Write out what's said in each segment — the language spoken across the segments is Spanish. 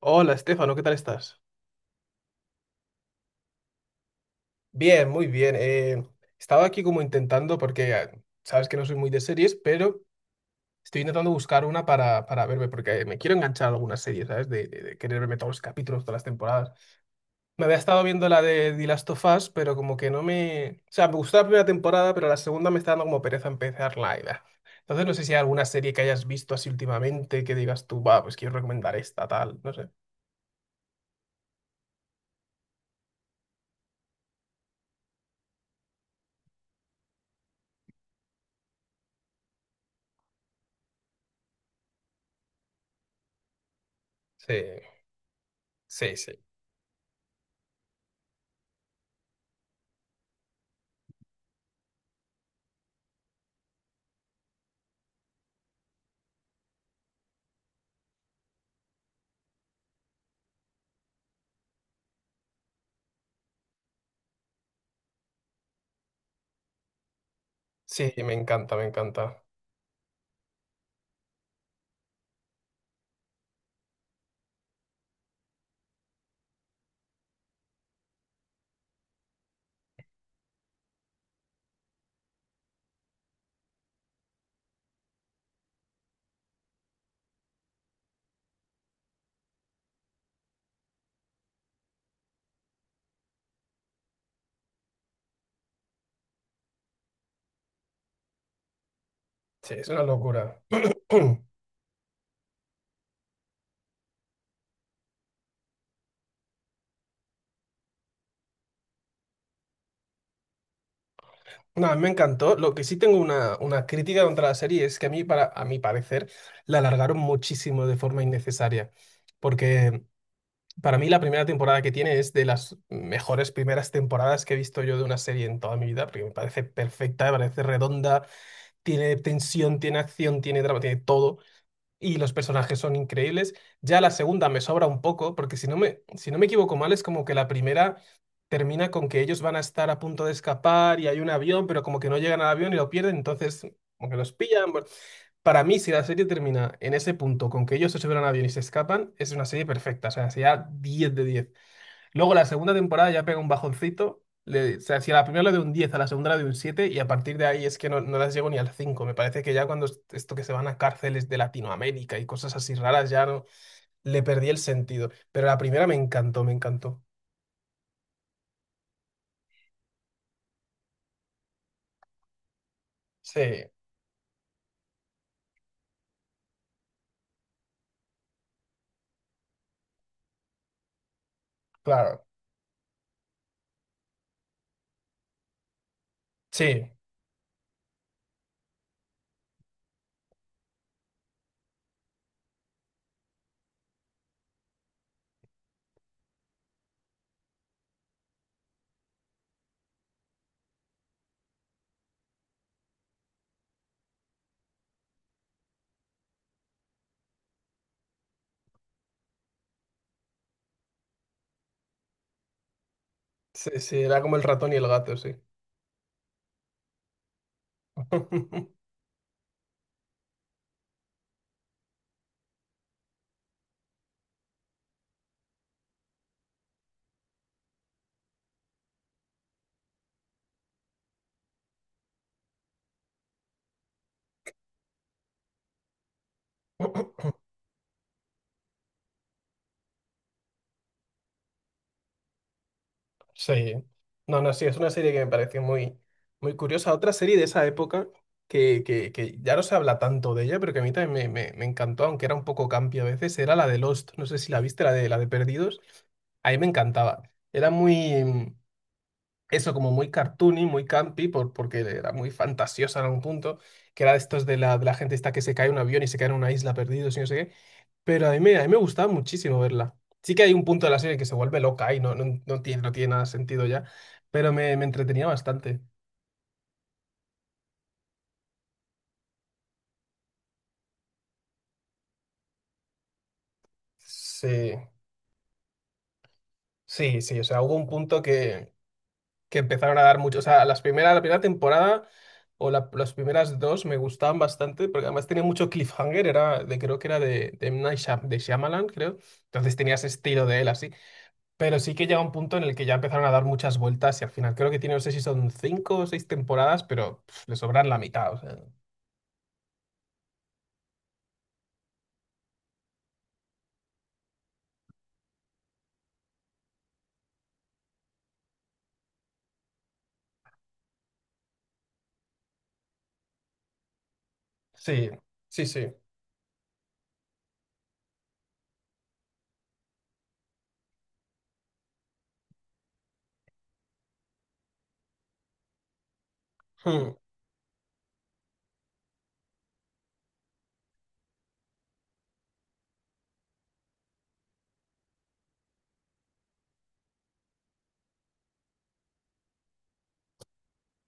Hola, Estefano, ¿qué tal estás? Bien, muy bien. Estaba aquí como intentando, porque sabes que no soy muy de series, pero estoy intentando buscar una para verme, porque me quiero enganchar a alguna serie, ¿sabes? De querer verme todos los capítulos, todas las temporadas. Me había estado viendo la de The Last of Us, pero como que no me... O sea, me gustó la primera temporada, pero la segunda me está dando como pereza empezarla. Y, bah. Entonces no sé si hay alguna serie que hayas visto así últimamente que digas tú, va, pues quiero recomendar esta, tal, no sé. Sí, sí, sí. Sí, me encanta, me encanta. Sí, es una locura. No, a mí me encantó. Lo que sí tengo una crítica contra la serie es que a mí, a mi parecer, la alargaron muchísimo de forma innecesaria. Porque para mí la primera temporada que tiene es de las mejores primeras temporadas que he visto yo de una serie en toda mi vida, porque me parece perfecta, me parece redonda, tiene tensión, tiene acción, tiene drama, tiene todo. Y los personajes son increíbles. Ya la segunda me sobra un poco, porque si no me equivoco mal, es como que la primera termina con que ellos van a estar a punto de escapar y hay un avión, pero como que no llegan al avión y lo pierden, entonces como que los pillan. Bueno, para mí, si la serie termina en ese punto, con que ellos se suben al avión y se escapan, es una serie perfecta, o sea, sería 10 de 10. Luego la segunda temporada ya pega un bajoncito. O sea, si a la primera le doy un 10, a la segunda le doy un 7, y a partir de ahí es que no, no las llego ni al 5. Me parece que ya cuando esto que se van a cárceles de Latinoamérica y cosas así raras ya no le perdí el sentido. Pero la primera me encantó, me encantó. Sí, claro. Sí, sí, sí, era como el ratón y el gato, sí. Sí, no, no, sí, es una serie que me pareció muy curiosa. Otra serie de esa época que ya no se habla tanto de ella, pero que a mí también me encantó, aunque era un poco campi a veces, era la de Lost. No sé si la viste, la de Perdidos. A mí me encantaba. Era muy, eso como muy cartoony, muy campy porque era muy fantasiosa en algún punto, que era de estos de la gente esta que se cae en un avión y se cae en una isla perdidos y no sé qué, pero a mí me gustaba muchísimo verla. Sí que hay un punto de la serie que se vuelve loca y no, no, no tiene, no tiene nada de sentido ya, pero me entretenía bastante. Sí, sí, sí, o sea, hubo un punto que empezaron a dar mucho. O sea, la primera temporada o las primeras dos me gustaban bastante, porque además tenía mucho cliffhanger, era de, creo que era M. Night Shyam- de Shyamalan, creo. Entonces tenía ese estilo de él así. Pero sí que llega un punto en el que ya empezaron a dar muchas vueltas y al final creo que tiene, no sé si son cinco o seis temporadas, pero pf, le sobran la mitad. O sea, sí, sí, sí.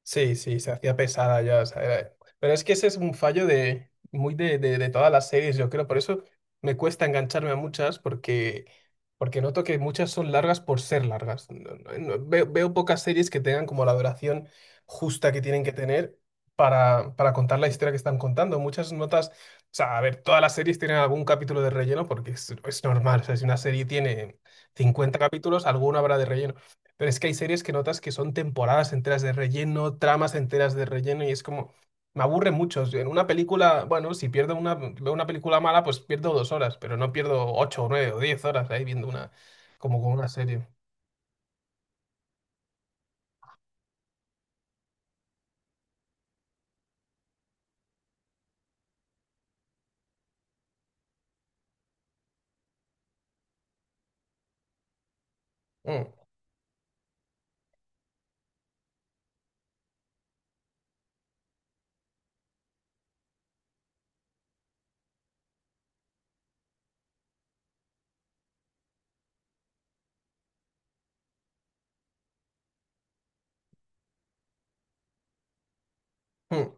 Sí, sí, se hacía pesada ya. O sea, pero es que ese es un fallo de muy de todas las series, yo creo. Por eso me cuesta engancharme a muchas, porque, porque noto que muchas son largas por ser largas. Veo, veo pocas series que tengan como la duración justa que tienen que tener para contar la historia que están contando. Muchas notas, o sea, a ver, todas las series tienen algún capítulo de relleno porque es normal. O sea, si una serie tiene 50 capítulos, alguno habrá de relleno. Pero es que hay series que notas que son temporadas enteras de relleno, tramas enteras de relleno, y es como, me aburre mucho. En una película, bueno, si pierdo una, veo una película mala, pues pierdo 2 horas, pero no pierdo 8, o 9 o 10 horas ahí viendo una, como con una serie. Mm, mm,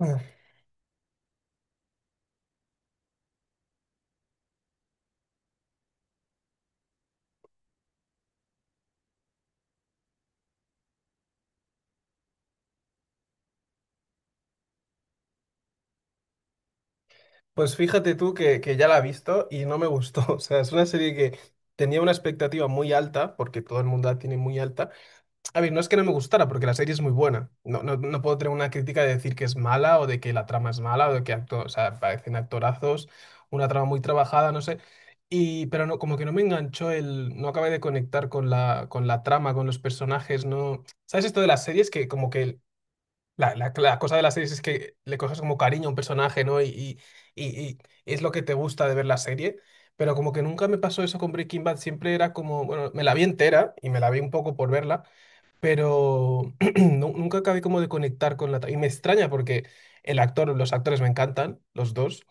mm. Pues fíjate tú que ya la he visto y no me gustó. O sea, es una serie que tenía una expectativa muy alta, porque todo el mundo la tiene muy alta. A ver, no es que no me gustara, porque la serie es muy buena. No, no, no puedo tener una crítica de decir que es mala o de que la trama es mala o de que acto, o sea, parecen actorazos, una trama muy trabajada, no sé. Y, pero no, como que no me enganchó el, no acabé de conectar con la trama, con los personajes, no. ¿Sabes esto de las series? Que como que la cosa de las series es que le coges como cariño a un personaje, ¿no? Y, y es lo que te gusta de ver la serie. Pero como que nunca me pasó eso con Breaking Bad, siempre era como, bueno, me la vi entera y me la vi un poco por verla, pero nunca acabé como de conectar con la... Y me extraña porque el actor, los actores me encantan, los dos.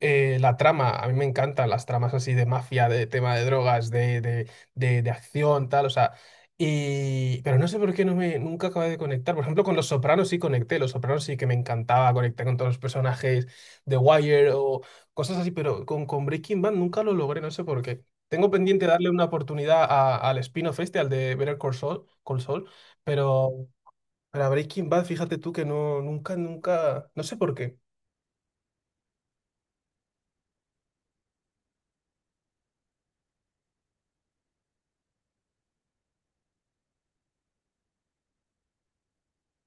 La trama, a mí me encantan las tramas así de mafia, de tema de drogas, de acción, tal, o sea... Y... Pero no sé por qué no me, nunca acabé de conectar. Por ejemplo, con Los Sopranos sí conecté. Los Sopranos sí que me encantaba conectar con todos los personajes de Wire o cosas así, pero con Breaking Bad nunca lo logré, no sé por qué. Tengo pendiente darle una oportunidad al spin-off este, al de Better Call Saul, Call Saul, pero para Breaking Bad, fíjate tú que no, nunca, nunca, no sé por qué.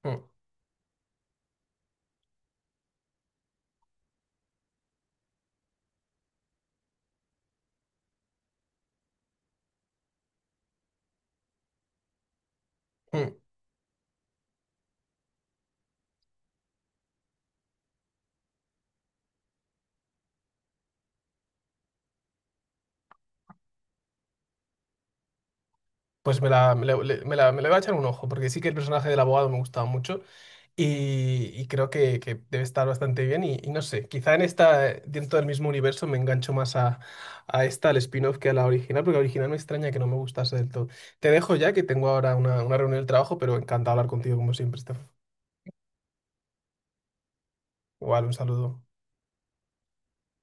Mm, mm. Pues me la, le- me la- me le voy a echar un ojo, porque sí que el personaje del abogado me gustaba mucho y creo que debe estar bastante bien y no sé, quizá en esta, dentro del mismo universo me engancho más a esta, al spin-off, que a la original, porque la original me extraña que no me gustase del todo. Te dejo ya que tengo ahora una reunión del trabajo, pero encantado de hablar contigo como siempre, Estef. Igual, un saludo.